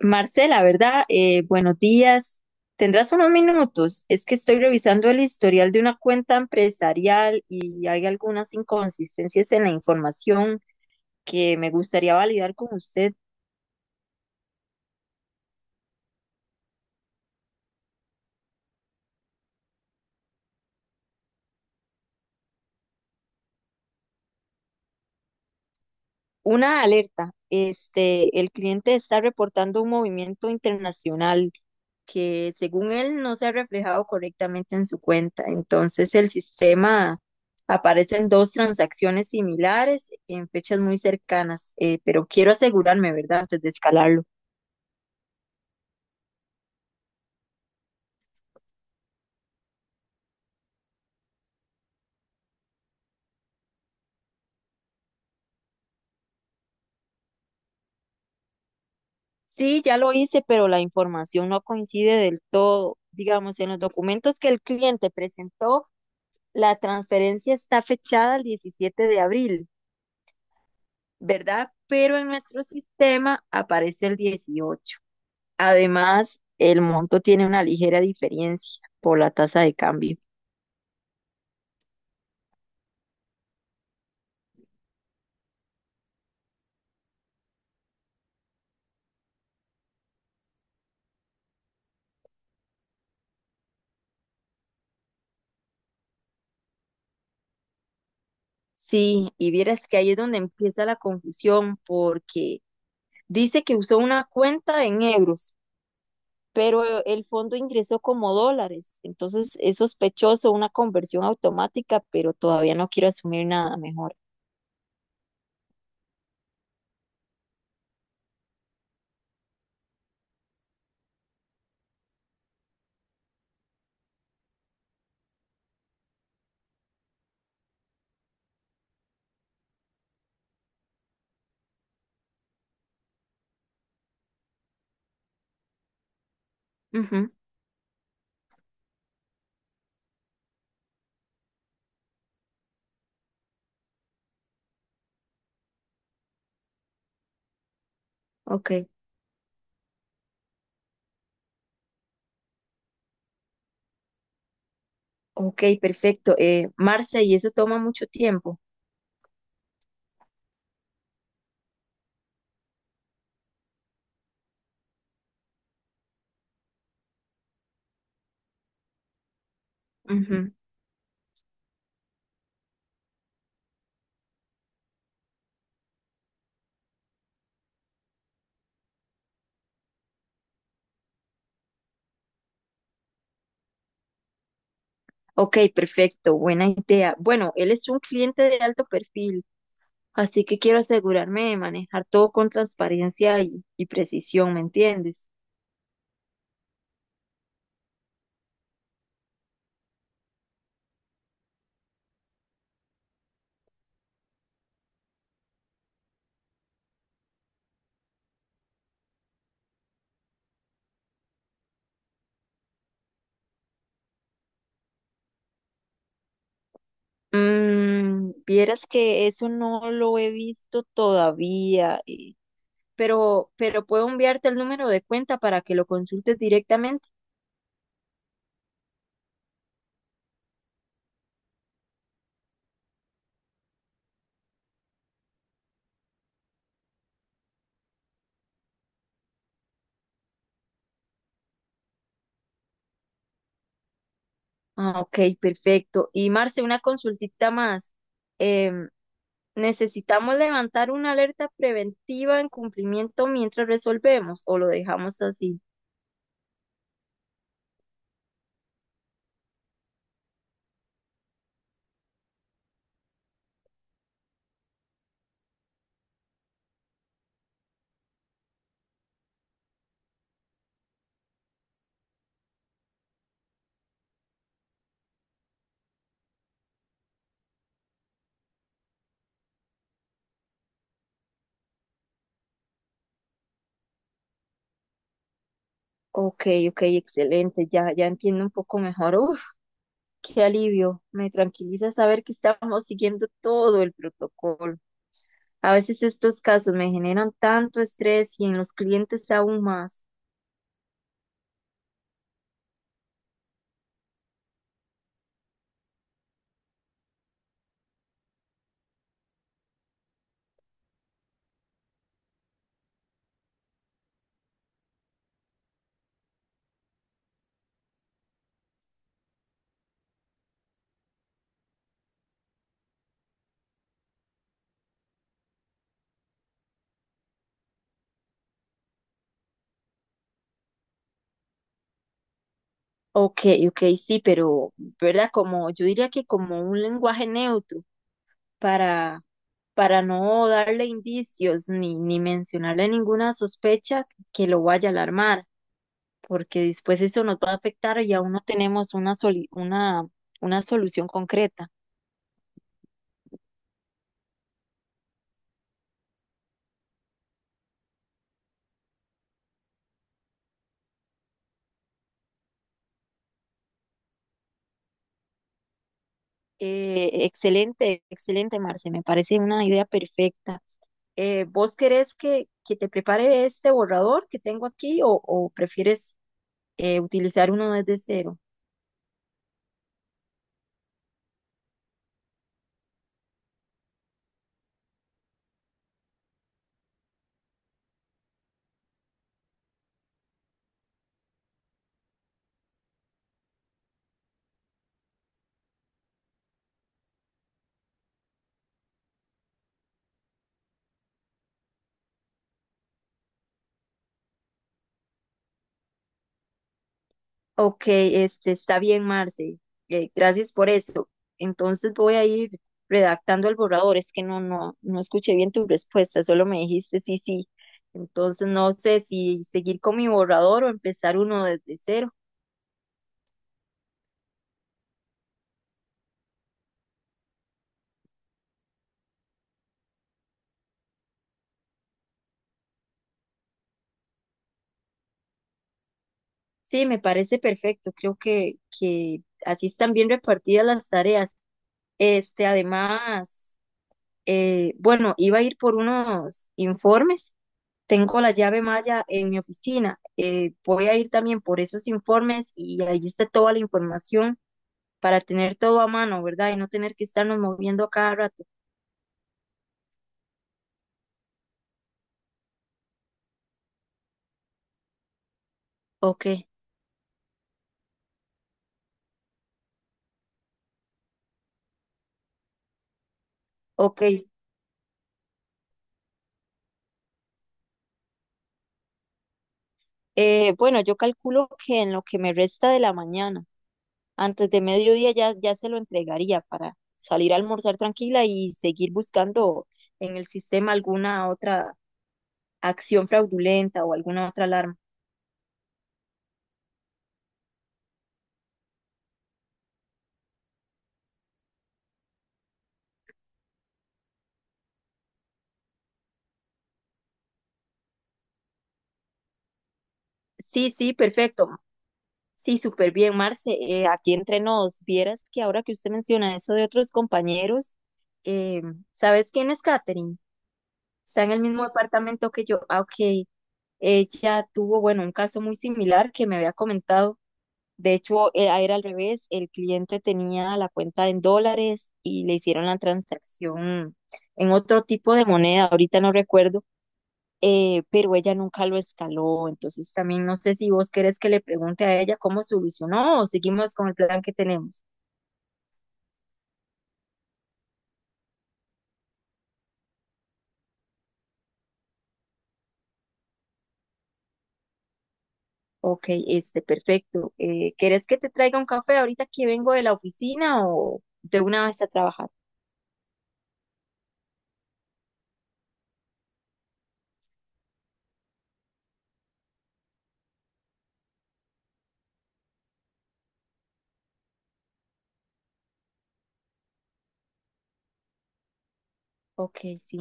Marcela, ¿verdad? Buenos días. ¿Tendrás unos minutos? Es que estoy revisando el historial de una cuenta empresarial y hay algunas inconsistencias en la información que me gustaría validar con usted. Una alerta, el cliente está reportando un movimiento internacional que según él no se ha reflejado correctamente en su cuenta. Entonces el sistema, aparecen dos transacciones similares en fechas muy cercanas, pero quiero asegurarme, ¿verdad? Antes de escalarlo. Sí, ya lo hice, pero la información no coincide del todo. Digamos, en los documentos que el cliente presentó, la transferencia está fechada el 17 de abril, ¿verdad? Pero en nuestro sistema aparece el 18. Además, el monto tiene una ligera diferencia por la tasa de cambio. Sí, y vieras que ahí es donde empieza la confusión porque dice que usó una cuenta en euros, pero el fondo ingresó como dólares, entonces es sospechoso, una conversión automática, pero todavía no quiero asumir nada mejor. Ujú. Ok, ok, perfecto. Marce, y eso toma mucho tiempo. Ujú. Ok, perfecto, buena idea. Bueno, él es un cliente de alto perfil, así que quiero asegurarme de manejar todo con transparencia y precisión, ¿me entiendes? Vieras que eso no lo he visto todavía. Pero puedo enviarte el número de cuenta para que lo consultes directamente. Ah, ok, perfecto. Y Marce, una consultita más. Em, ¿Necesitamos levantar una alerta preventiva en cumplimiento mientras resolvemos o lo dejamos así? Ok, ok, excelente. Ya, ya entiendo un poco mejor. Uf, qué alivio. Me tranquiliza saber que estamos siguiendo todo el protocolo. A veces estos casos me generan tanto estrés y en los clientes aún más. Ok, ok, sí, pero, ¿verdad? Como yo diría, que como un lenguaje neutro para, para no darle indicios ni mencionarle ninguna sospecha que lo vaya a alarmar, porque después eso nos va a afectar y aún no tenemos una solución concreta. Excelente, excelente, Marce, me parece una idea perfecta. ¿Vos querés que te prepare este borrador que tengo aquí o prefieres utilizar uno desde cero? Ok, este está bien, Marce. Gracias por eso. Entonces voy a ir redactando el borrador. Es que no escuché bien tu respuesta, solo me dijiste sí, sí. Entonces no sé si seguir con mi borrador o empezar uno desde cero. Sí, me parece perfecto. Creo que así están bien repartidas las tareas. Además, bueno, iba a ir por unos informes. Tengo la llave Maya en mi oficina. Voy a ir también por esos informes y ahí está toda la información para tener todo a mano, ¿verdad? Y no tener que estarnos moviendo a cada rato. Ok, ok. Bueno, yo calculo que en lo que me resta de la mañana. Antes de mediodía ya, ya se lo entregaría para salir a almorzar tranquila y seguir buscando en el sistema alguna otra acción fraudulenta o alguna otra alarma. Sí, sí, perfecto. Sí, súper bien, Marce. Aquí entre nos, vieras que ahora que usted menciona eso de otros compañeros, eh, ¿sabes quién es Katherine? Está en el mismo departamento que yo. Ah, ok. Ella tuvo, bueno, un caso muy similar que me había comentado. De hecho, era al revés, el cliente tenía la cuenta en dólares y le hicieron la transacción en otro tipo de moneda, ahorita no recuerdo, pero ella nunca lo escaló. Entonces, también no sé si vos querés que le pregunte a ella cómo solucionó o seguimos con el plan que tenemos. Ok, perfecto. ¿Querés que te traiga un café ahorita que vengo de la oficina o de una vez a trabajar? Ok, sí.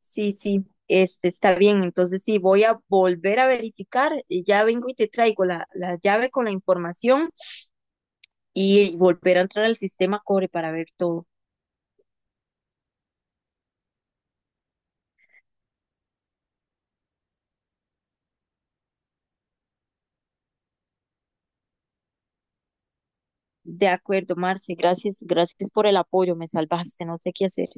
Sí, sí, este está bien. Entonces sí, voy a volver a verificar. Y ya vengo y te traigo la llave con la información y volver a entrar al sistema Core para ver todo. De acuerdo, Marce, gracias, gracias por el apoyo, me salvaste, no sé qué hacer.